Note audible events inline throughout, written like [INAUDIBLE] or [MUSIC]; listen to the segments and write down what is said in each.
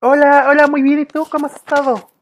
Hola, hola, muy bien. ¿Y tú cómo has estado?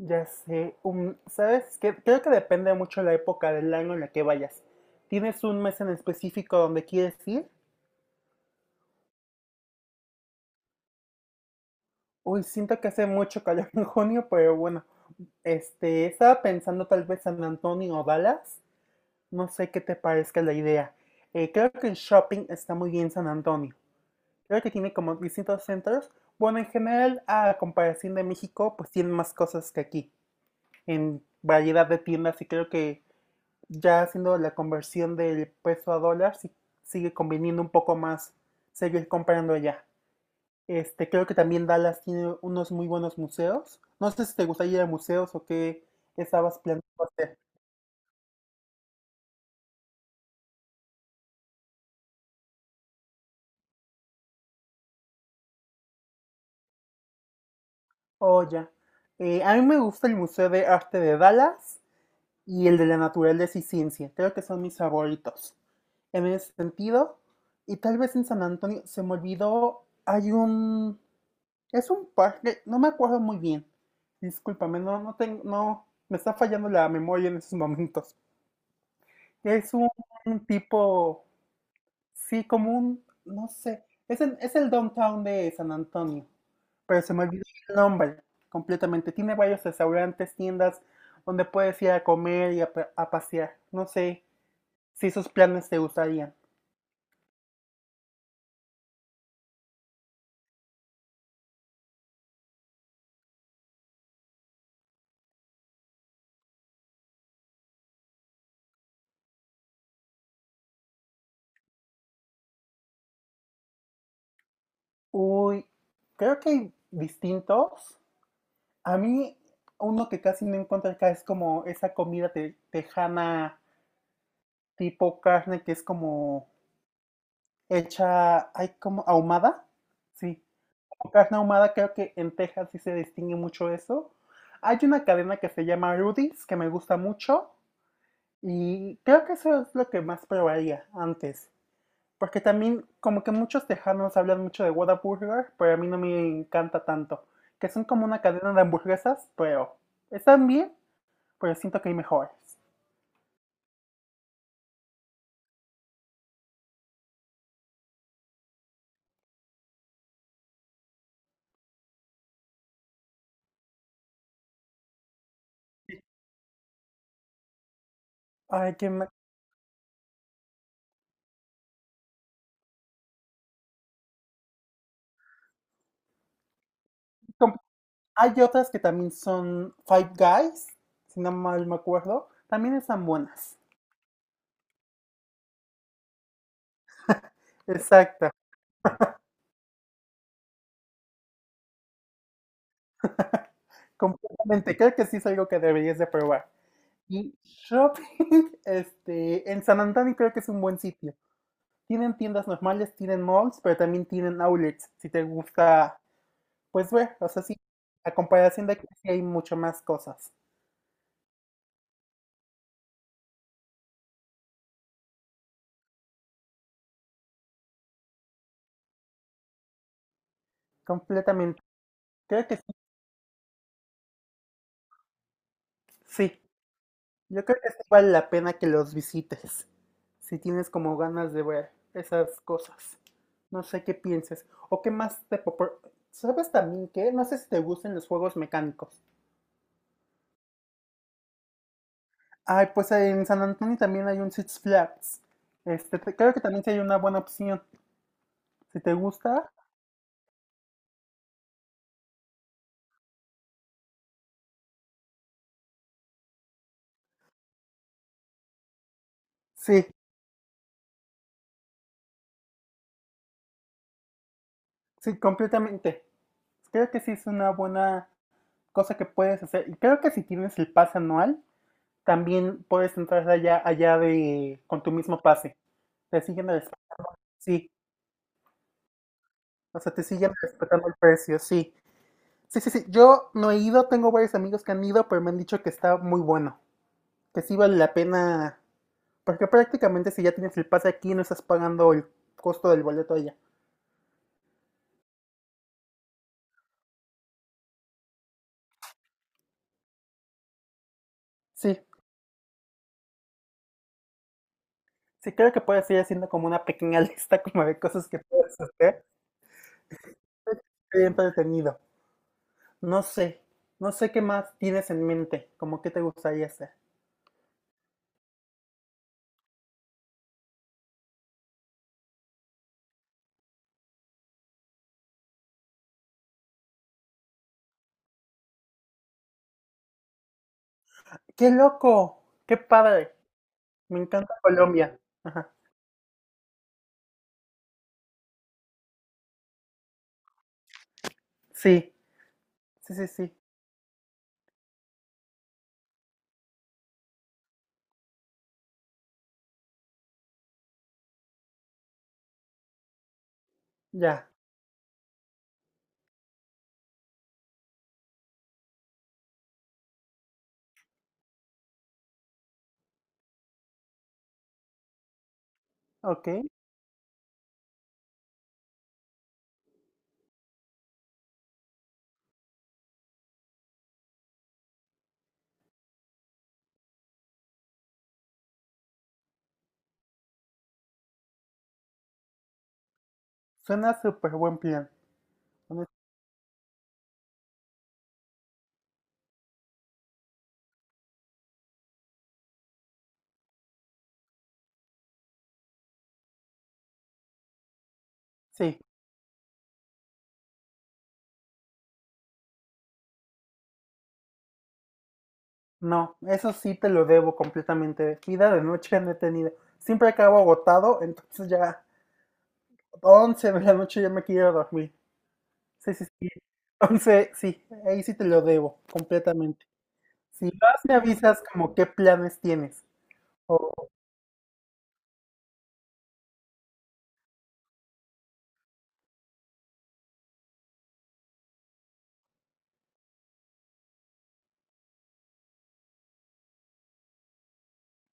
Ya sé, ¿sabes qué? Creo que depende mucho la época del año en la que vayas. ¿Tienes un mes en específico donde quieres ir? Uy, siento que hace mucho calor en [LAUGHS] junio, pero bueno. Estaba pensando tal vez San Antonio o Dallas. No sé qué te parezca la idea. Creo que en shopping está muy bien San Antonio. Creo que tiene como distintos centros. Bueno, en general, a comparación de México, pues tienen más cosas que aquí. En variedad de tiendas y creo que ya haciendo la conversión del peso a dólar, sí sigue conveniendo un poco más seguir comprando allá. Creo que también Dallas tiene unos muy buenos museos. No sé si te gustaría ir a museos o qué estabas planeando hacer. Oh, ya. A mí me gusta el Museo de Arte de Dallas y el de la Naturaleza y Ciencia. Creo que son mis favoritos. En ese sentido, y tal vez en San Antonio, se me olvidó, hay un Es un parque, no me acuerdo muy bien. Discúlpame, no, no tengo, no, me está fallando la memoria en esos momentos. Es un tipo, sí, como un, no sé, es el downtown de San Antonio, pero se me olvidó el nombre completamente. Tiene varios restaurantes, tiendas donde puedes ir a comer y a, a pasear. No sé si esos planes te gustarían. Uy, creo que hay distintos. A mí, uno que casi no encuentro acá es como esa comida tejana tipo carne que es como hecha, ay, como ahumada. Sí, como carne ahumada, creo que en Texas sí se distingue mucho eso. Hay una cadena que se llama Rudy's que me gusta mucho y creo que eso es lo que más probaría antes. Porque también como que muchos tejanos hablan mucho de Whataburger, pero a mí no me encanta tanto. Que son como una cadena de hamburguesas, pero están bien, pero siento que hay mejores. Ay, com- Hay otras que también son Five Guys, si no mal me acuerdo. También están buenas. Exacto, completamente. Creo que sí es algo que deberías de probar. Y shopping, [LAUGHS] en San Antonio creo que es un buen sitio. Tienen tiendas normales, tienen malls, pero también tienen outlets, si te gusta, pues ver, o sea, sí, a comparación de aquí sí hay mucho más cosas. Completamente. Creo que sí. Sí. Yo creo que sí vale la pena que los visites, si tienes como ganas de ver esas cosas. No sé qué pienses. O qué más ¿Sabes también qué? No sé si te gustan los juegos mecánicos. Ay, pues en San Antonio también hay un Six Flags. Este, creo que también sí hay una buena opción. Si te gusta, sí, sí, completamente. Creo que sí es una buena cosa que puedes hacer. Y creo que si tienes el pase anual, también puedes entrar allá, allá de, con tu mismo pase. Te siguen res- sí, o sea, te siguen respetando el precio, sí. Sí, sí, sí. Yo no he ido, tengo varios amigos que han ido, pero me han dicho que está muy bueno, que sí vale la pena, porque prácticamente si ya tienes el pase aquí no estás pagando el costo del boleto allá. Sí, sí creo que puedes ir haciendo como una pequeña [LAUGHS] lista como de cosas que puedes hacer. Bien entretenido. No sé, no sé qué más tienes en mente, como qué te gustaría hacer. ¡Qué loco! ¡Qué padre! Me encanta Colombia. Ajá. Sí, sí, sí, sí. Ya, ok. Suena súper buen plan. Honest- Sí, no, eso sí te lo debo completamente. Vida de noche [LAUGHS] no he tenido. Siempre acabo agotado, entonces ya 11 de la noche ya me quiero dormir. Sí, sí, sí. 11, sí, ahí sí te lo debo completamente. Si vas, me avisas como qué planes tienes. O,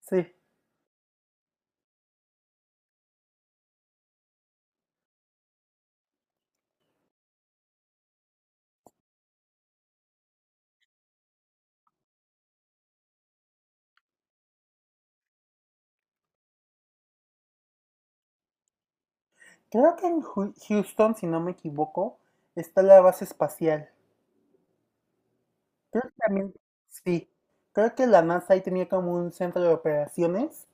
sí, creo que en Houston, si no me equivoco, está la base espacial. Creo que también, sí. Creo que la NASA ahí tenía como un centro de operaciones.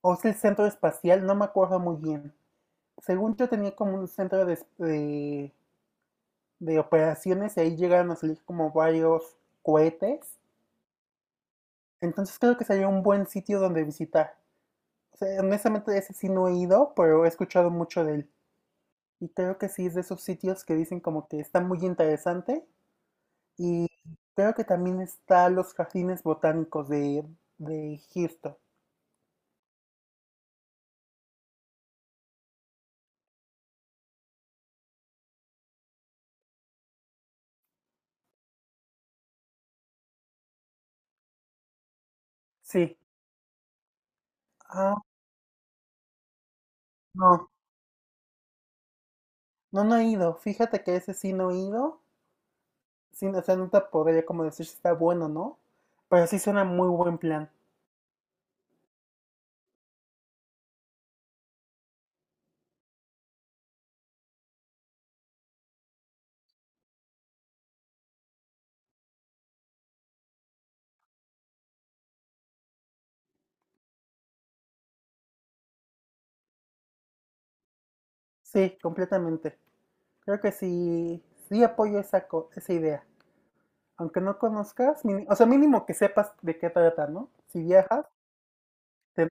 O es el centro espacial, no me acuerdo muy bien. Según yo tenía como un centro de operaciones y ahí llegaron a salir como varios cohetes. Entonces creo que sería un buen sitio donde visitar. O sea, honestamente ese sí no he ido, pero he escuchado mucho de él. Y creo que sí es de esos sitios que dicen como que está muy interesante. Y creo que también está los jardines botánicos de Houston. Sí. Ah, no, no, no he ido. Fíjate que ese sí no he ido. Sí, o sea, no te podría como decir si está bueno o no, pero sí suena muy buen plan. Sí, completamente. Creo que sí, sí apoyo esa, esa idea. Aunque no conozcas, o sea, mínimo que sepas de qué trata, ¿no? Si viajas, te-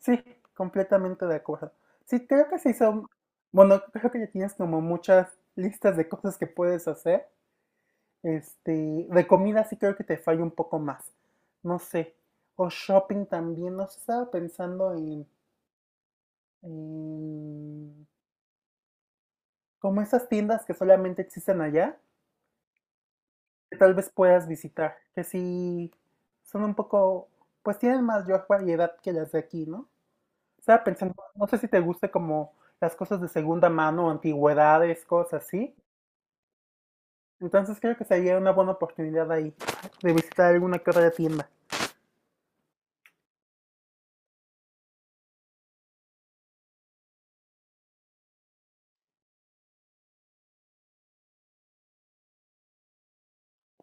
sí, completamente de acuerdo. Sí, creo que sí son, bueno, creo que ya tienes como muchas listas de cosas que puedes hacer. Este, de comida sí creo que te falla un poco más. No sé. O shopping también, no sé, estaba pensando en em, como esas tiendas que solamente existen allá, que tal vez puedas visitar, que sí son un poco, pues tienen más variedad que las de aquí, ¿no? Estaba pensando, no sé si te guste como las cosas de segunda mano, antigüedades, cosas así. Entonces creo que sería una buena oportunidad ahí de visitar alguna que otra tienda.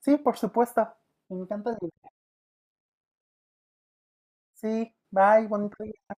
Sí, por supuesto. Me encanta la idea. Sí, bye, bonito día.